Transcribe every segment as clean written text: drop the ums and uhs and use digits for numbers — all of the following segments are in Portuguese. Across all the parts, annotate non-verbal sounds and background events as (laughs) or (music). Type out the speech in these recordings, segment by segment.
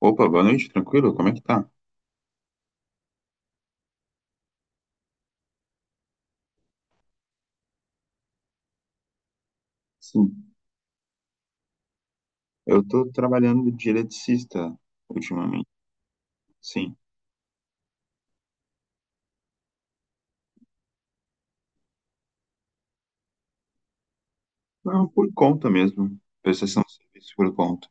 Opa, boa noite, tranquilo? Como é que tá? Sim, eu tô trabalhando de eletricista ultimamente, sim. Não, por conta mesmo, prestação de serviço por conta.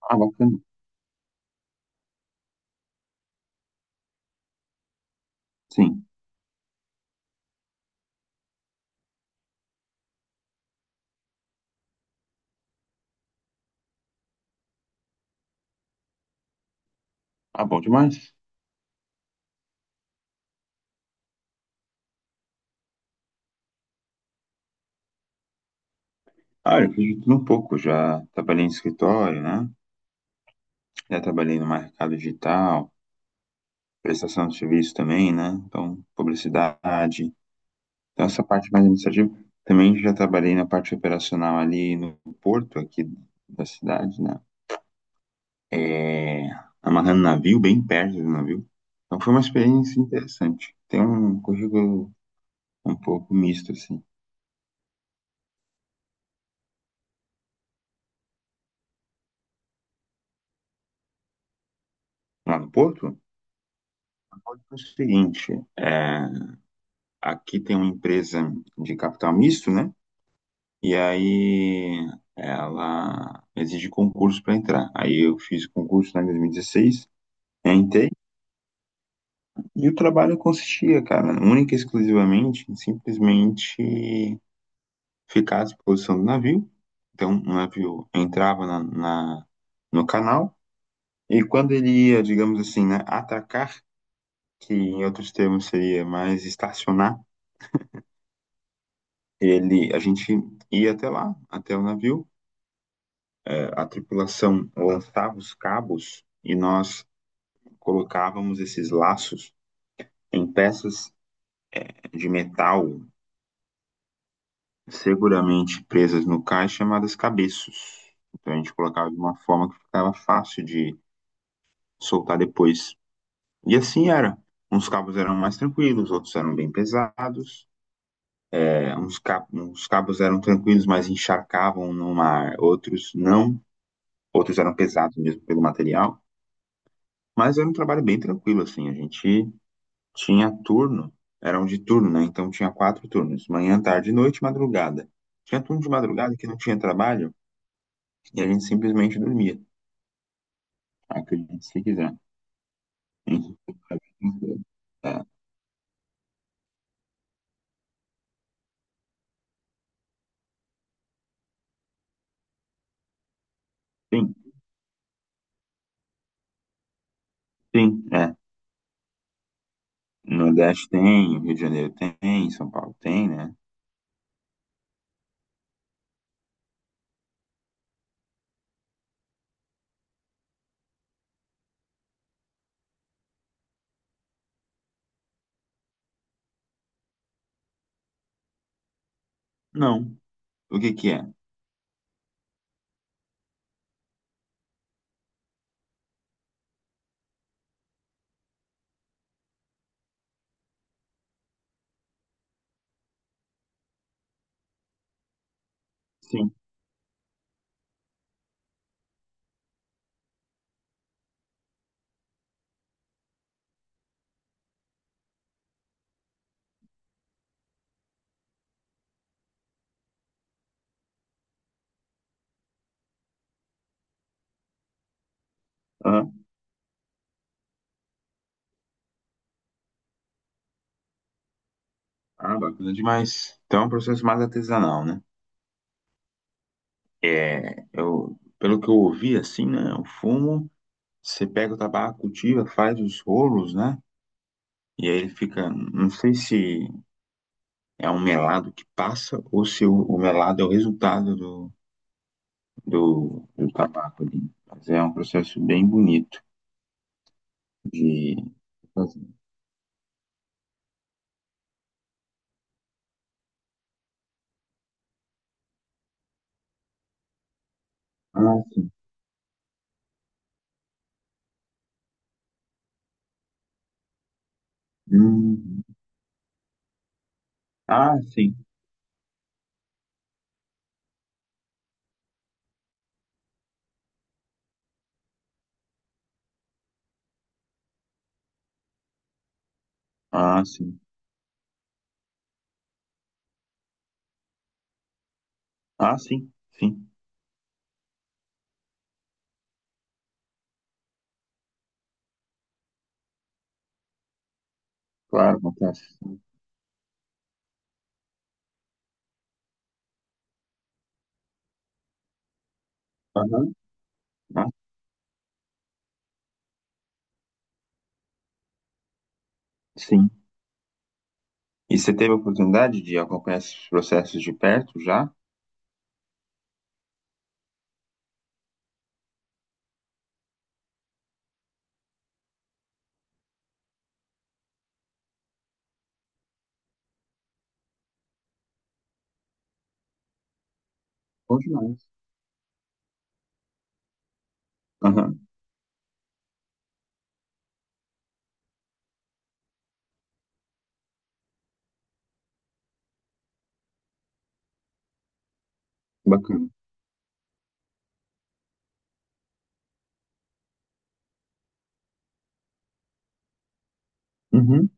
Ah, bacana, sim. Ah, bom demais. Ah, eu fiz de tudo um pouco, já trabalhei em escritório, né? Já trabalhei no mercado digital, prestação de serviço também, né? Então, publicidade. Então, essa parte mais administrativa. Também já trabalhei na parte operacional ali no porto, aqui da cidade, né? é, Amarrando navio, bem perto do navio. Então foi uma experiência interessante. Tem um currículo um pouco misto, assim. Lá no Porto, no Porto o seguinte, é, aqui tem uma empresa de capital misto, né? E aí ela exige concurso para entrar. Aí eu fiz concurso lá em 2016, entrei, e o trabalho consistia, cara, única e exclusivamente, simplesmente ficar à disposição do navio. Então, o navio entrava no canal e quando ele ia, digamos assim, né, atacar, que em outros termos seria mais estacionar, ele, a gente ia até lá, até o navio. É, a tripulação lançava os cabos e nós colocávamos esses laços em peças de metal seguramente presas no cais, chamadas cabeços. Então a gente colocava de uma forma que ficava fácil de soltar depois. E assim era. Uns cabos eram mais tranquilos, outros eram bem pesados. É, uns cabos eram tranquilos, mas encharcavam no mar. Outros não. Outros eram pesados mesmo pelo material. Mas era um trabalho bem tranquilo, assim. A gente tinha turno, era um de turno, né? Então tinha quatro turnos: manhã, tarde, noite e madrugada. Tinha turno de madrugada que não tinha trabalho e a gente simplesmente dormia. Acredite se quiser. (laughs) É, sim, sim, é. No Nordeste tem, Rio de Janeiro tem, São Paulo tem, né? Não. O que que é? Sim. Aham. Ah, bacana demais. Então é um processo mais artesanal, né? É, eu, pelo que eu ouvi, assim, né? O fumo, você pega o tabaco, cultiva, faz os rolos, né? E aí ele fica, não sei se é um melado que passa ou se o melado é o resultado do, do, do tabaco ali. Mas é um processo bem bonito de fazer. Ah, sim. Hum. Ah, sim. Ah, sim. Ah, sim, sim. Claro, acontece. Aham. Ah, sim. E você teve a oportunidade de acompanhar esses processos de perto já? Bom demais. Aham, bacana. Uhum.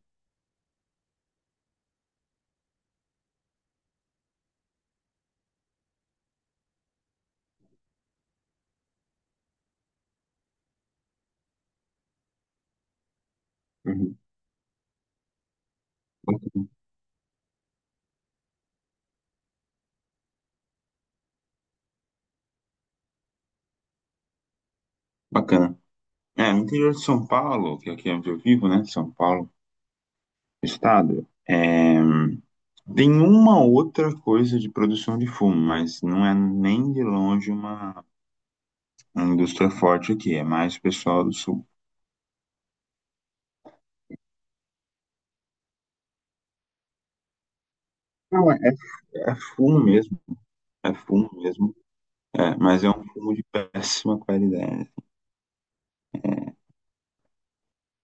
Uhum. Bacana. Bacana. É, no interior de São Paulo, que aqui é onde eu vivo, né? São Paulo, estado, é, tem uma outra coisa de produção de fumo, mas não é nem de longe uma indústria forte aqui, é mais o pessoal do sul. Não, é, é fumo mesmo, é fumo mesmo. É, mas é um fumo de péssima qualidade.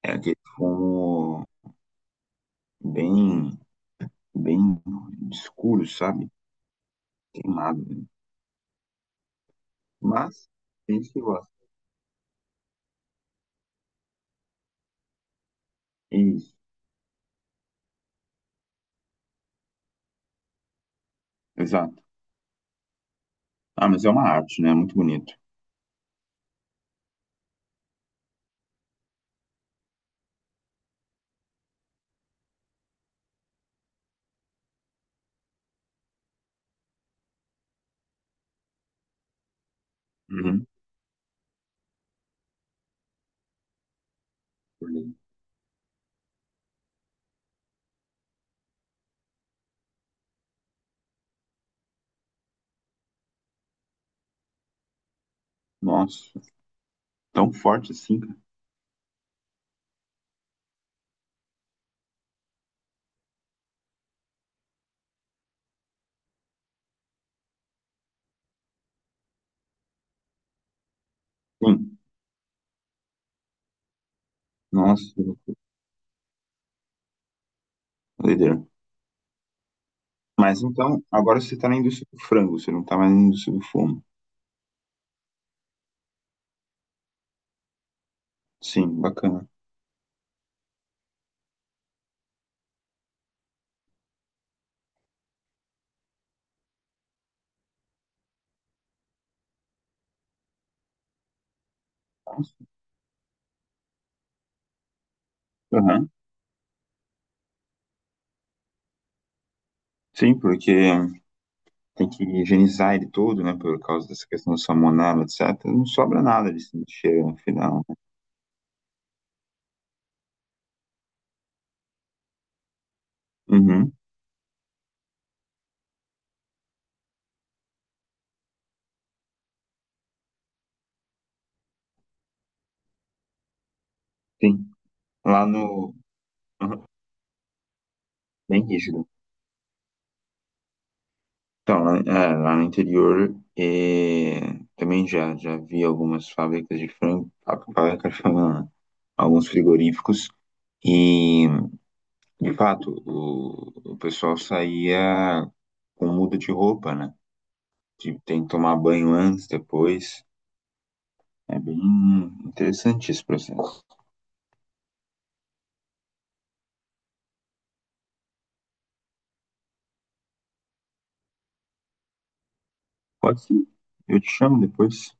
É aquele fumo bem, bem escuro, sabe? Queimado, né? Mas tem gente que gosta. Isso, exato. Ah, mas é uma arte, né? Muito bonito. Uhum. Nossa, tão forte assim, cara. Sim. Nossa, doideira. Mas então, agora você tá na indústria do frango, você não tá mais na indústria do fumo. Sim, bacana. Nossa. Aham. Sim, porque tem que higienizar ele todo, né, por causa dessa questão do salmonela, etc. Não sobra nada de cheiro no final, né? Uhum, sim. Lá no... uhum, bem rígido. Então, lá, é, lá no interior, é, também já, já vi algumas fábricas de frango, fábrica de frango, não, alguns frigoríficos, e, de fato, o pessoal saía com muda de roupa, né? De, tem que tomar banho antes, depois. É bem interessante esse processo. Pode sim. Eu te chamo depois.